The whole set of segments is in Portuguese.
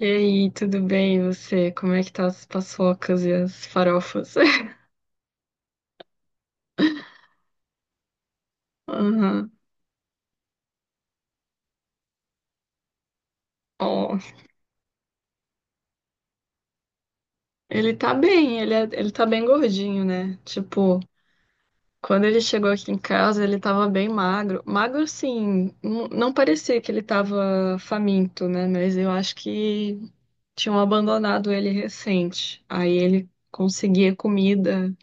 E aí, tudo bem? E você? Como é que tá as paçocas e as farofas? Aham. Ó, ele tá bem, ele tá bem gordinho, né? Tipo, quando ele chegou aqui em casa, ele tava bem magro. Magro, sim, não parecia que ele tava faminto, né? Mas eu acho que tinham abandonado ele recente. Aí ele conseguia comida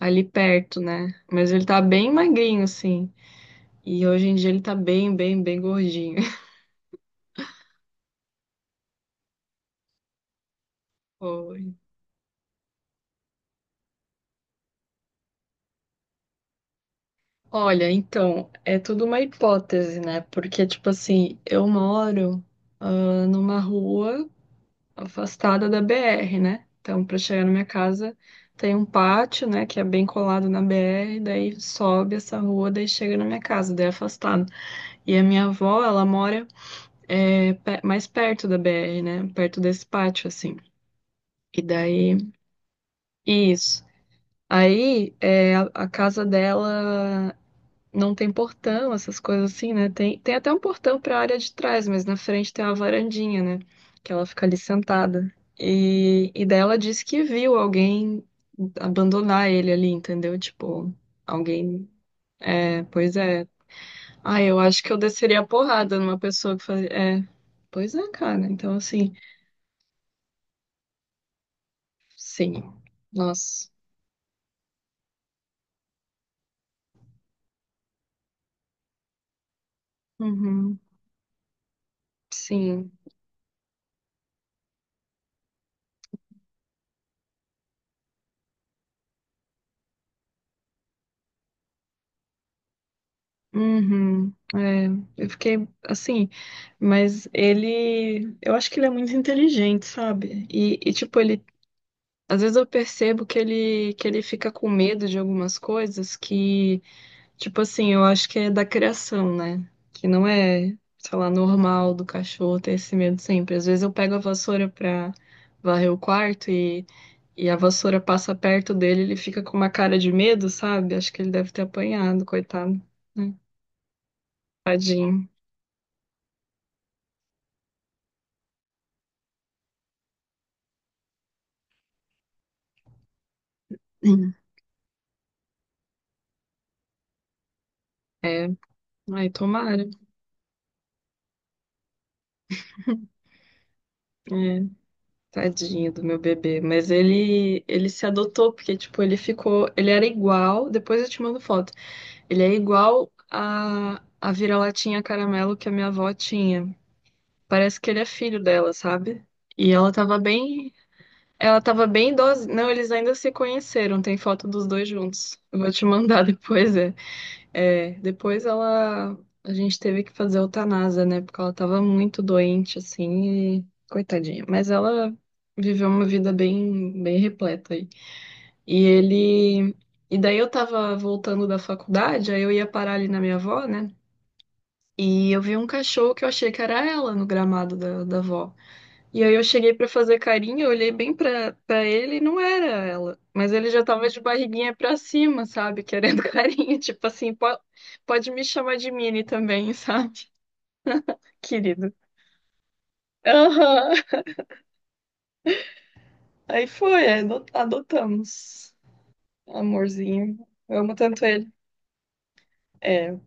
ali perto, né? Mas ele tá bem magrinho, sim. E hoje em dia ele tá bem, bem, bem gordinho. Pô, olha, então, é tudo uma hipótese, né? Porque, tipo assim, eu moro, numa rua afastada da BR, né? Então, para chegar na minha casa, tem um pátio, né, que é bem colado na BR, daí sobe essa rua, daí chega na minha casa, daí é afastado. E a minha avó, ela mora, mais perto da BR, né? Perto desse pátio, assim. E daí, isso. Aí, a casa dela. Não tem portão, essas coisas assim, né? Tem até um portão para a área de trás, mas na frente tem uma varandinha, né? Que ela fica ali sentada. E daí ela disse que viu alguém abandonar ele ali, entendeu? Tipo, alguém. É, pois é. Ah, eu acho que eu desceria a porrada numa pessoa que fazia. É, pois é, cara. Então, assim, sim. Nossa. Uhum. Sim. Uhum, é, eu fiquei assim, mas ele, eu acho que ele é muito inteligente, sabe? E, tipo, ele, às vezes eu percebo que ele fica com medo de algumas coisas que, tipo assim, eu acho que é da criação, né? Que não é, sei lá, normal do cachorro ter esse medo sempre. Às vezes eu pego a vassoura pra varrer o quarto e a vassoura passa perto dele, ele fica com uma cara de medo, sabe? Acho que ele deve ter apanhado, coitado, né? Tadinho. Sim. É, ai, tomara. É, tadinho do meu bebê. Mas ele se adotou, porque, tipo, ele ficou. Ele era igual. Depois eu te mando foto. Ele é igual a vira-latinha caramelo que a minha avó tinha. Parece que ele é filho dela, sabe? E ela tava bem. Ela tava bem idosa. Não, eles ainda se conheceram. Tem foto dos dois juntos. Eu vou te mandar depois, é. É, depois ela, a gente teve que fazer eutanásia, né? Porque ela tava muito doente, assim, e coitadinha. Mas ela viveu uma vida bem, bem repleta aí. E ele, e daí eu tava voltando da faculdade, aí eu ia parar ali na minha avó, né? E eu vi um cachorro que eu achei que era ela no gramado da avó. E aí eu cheguei pra fazer carinho, eu olhei bem pra ele e não era ela. Mas ele já tava de barriguinha pra cima, sabe? Querendo carinho. Tipo assim, pode me chamar de Mini também, sabe? Querido. Aham. Aí foi, adotamos. Amorzinho. Eu amo tanto ele. É.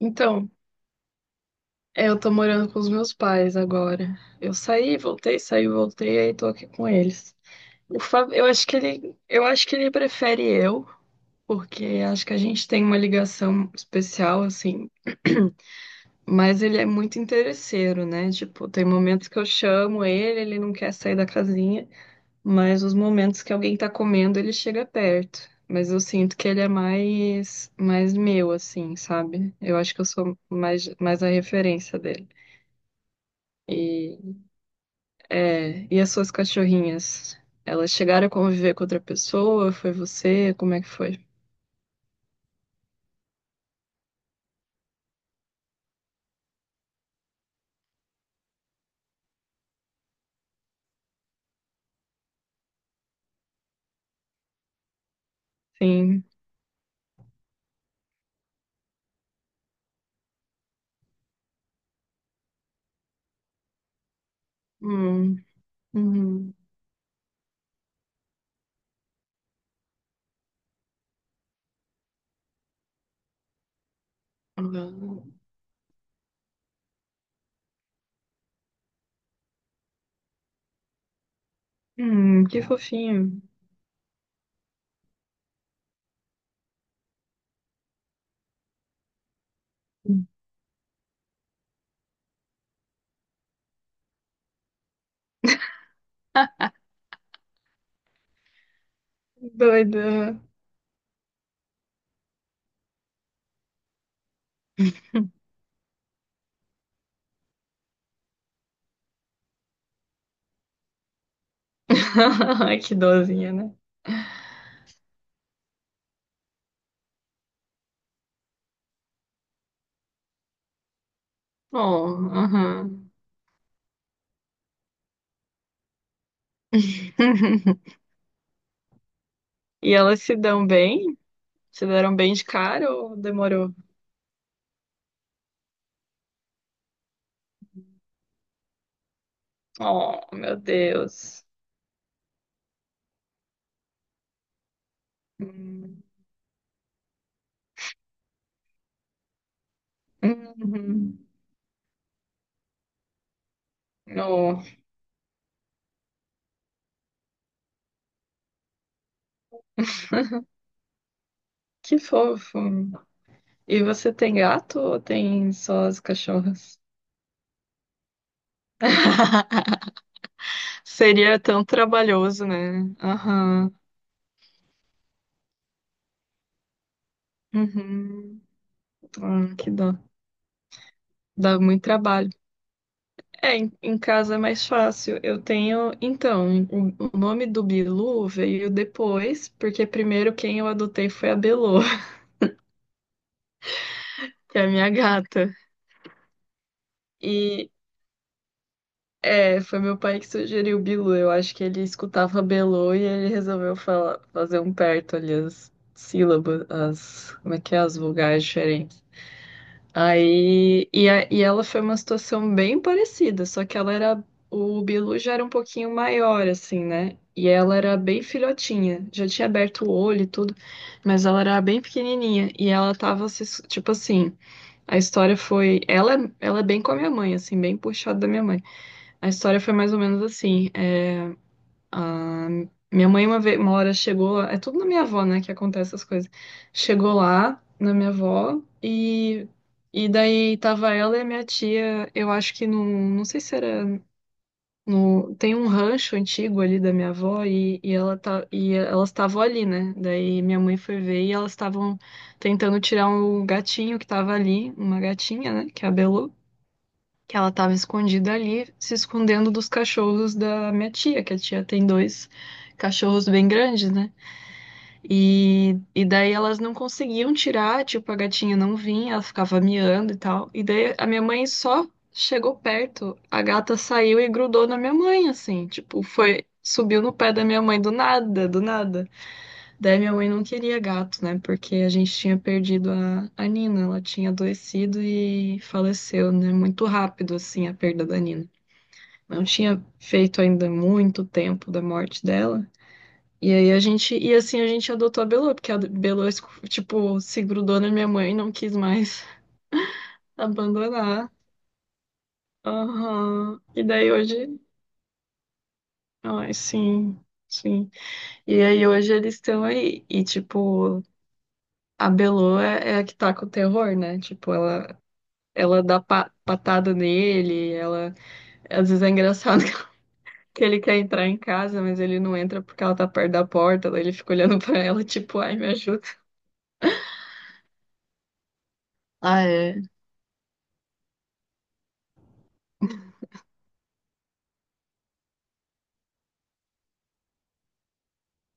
Então, eu tô morando com os meus pais agora. Eu saí, voltei, aí tô aqui com eles. O Fábio, eu acho que ele prefere eu. Porque acho que a gente tem uma ligação especial, assim. Mas ele é muito interesseiro, né? Tipo, tem momentos que eu chamo ele, ele não quer sair da casinha, mas os momentos que alguém tá comendo, ele chega perto. Mas eu sinto que ele é mais meu, assim, sabe? Eu acho que eu sou mais a referência dele. E, e as suas cachorrinhas? Elas chegaram a conviver com outra pessoa? Foi você? Como é que foi? Sim. Hum, uhum. Hum, que fofinho. Doida. Ai, que dozinha, né? Oh, aham. E elas se dão bem? Se deram bem de cara ou demorou? Oh, meu Deus. Hum. Uhum. Oh, que fofo. E você tem gato ou tem só as cachorras? Seria tão trabalhoso, né? Aham. Uhum. Ah, que dó. Dá muito trabalho. É, em casa é mais fácil. Eu tenho. Então, o nome do Bilu veio depois, porque primeiro quem eu adotei foi a Belô, que é a minha gata. E foi meu pai que sugeriu o Bilu. Eu acho que ele escutava Belô e ele resolveu falar, fazer um perto ali as sílabas, as, como é que é, as vogais diferentes. Aí, e ela foi uma situação bem parecida, só que ela era, o Bilu já era um pouquinho maior, assim, né? E ela era bem filhotinha, já tinha aberto o olho e tudo, mas ela era bem pequenininha, e ela tava, se su- tipo assim, a história foi, ela, ela é bem com a minha mãe, assim, bem puxada da minha mãe. A história foi mais ou menos assim, ah, minha mãe uma vez, uma hora chegou, é tudo na minha avó, né, que acontece essas coisas. Chegou lá na minha avó e daí tava ela e a minha tia, eu acho que no, não sei se era no, tem um rancho antigo ali da minha avó e elas estavam ali, né? Daí minha mãe foi ver e elas estavam tentando tirar um gatinho que tava ali, uma gatinha, né, que é a Belu que ela estava escondida ali, se escondendo dos cachorros da minha tia, que a tia tem dois cachorros bem grandes, né? E daí elas não conseguiam tirar, tipo, a gatinha não vinha, ela ficava miando e tal. E daí a minha mãe só chegou perto, a gata saiu e grudou na minha mãe, assim, tipo, foi, subiu no pé da minha mãe do nada, do nada. Daí minha mãe não queria gato, né? Porque a gente tinha perdido a Nina, ela tinha adoecido e faleceu, né? Muito rápido, assim, a perda da Nina. Não tinha feito ainda muito tempo da morte dela. E aí a gente, e assim a gente adotou a Belô, porque a Belô, tipo, se grudou na minha mãe e não quis mais abandonar. Aham. E daí hoje, ai, sim, sim. E aí hoje eles estão aí. E tipo, a Belô é a que tá com o terror, né? Tipo, ela dá patada nele, ela. Às vezes é engraçado que ele quer entrar em casa, mas ele não entra porque ela tá perto da porta, daí ele fica olhando pra ela, tipo, ai, me ajuda. Ah, é.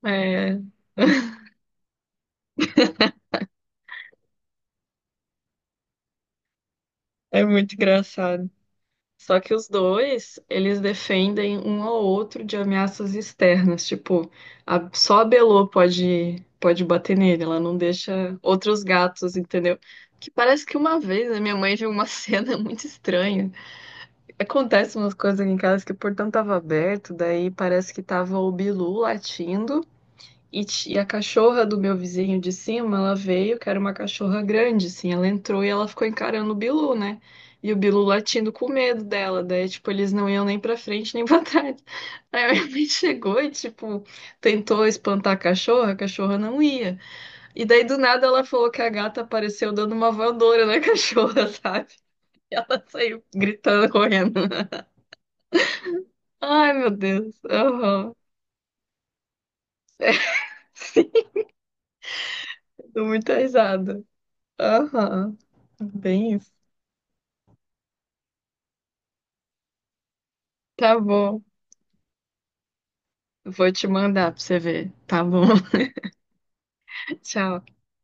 É, é muito engraçado. Só que os dois, eles defendem um ao outro de ameaças externas, tipo, só a Belô pode bater nele, ela não deixa outros gatos, entendeu? Que parece que uma vez a minha mãe viu uma cena muito estranha. Acontece umas coisas aqui em casa que o portão tava aberto, daí parece que tava o Bilu latindo e a cachorra do meu vizinho de cima, ela veio, que era uma cachorra grande, assim, ela entrou e ela ficou encarando o Bilu, né? E o Bilu latindo com medo dela, daí, tipo, eles não iam nem pra frente nem pra trás. Aí a minha mãe chegou e, tipo, tentou espantar a cachorra não ia. E daí, do nada, ela falou que a gata apareceu dando uma voadora na cachorra, sabe? Ela saiu gritando, correndo. Ai, meu Deus. Aham. Sim, dou muita risada. Aham. Bem isso. Tá bom. Vou te mandar pra você ver. Tá bom. Tchau.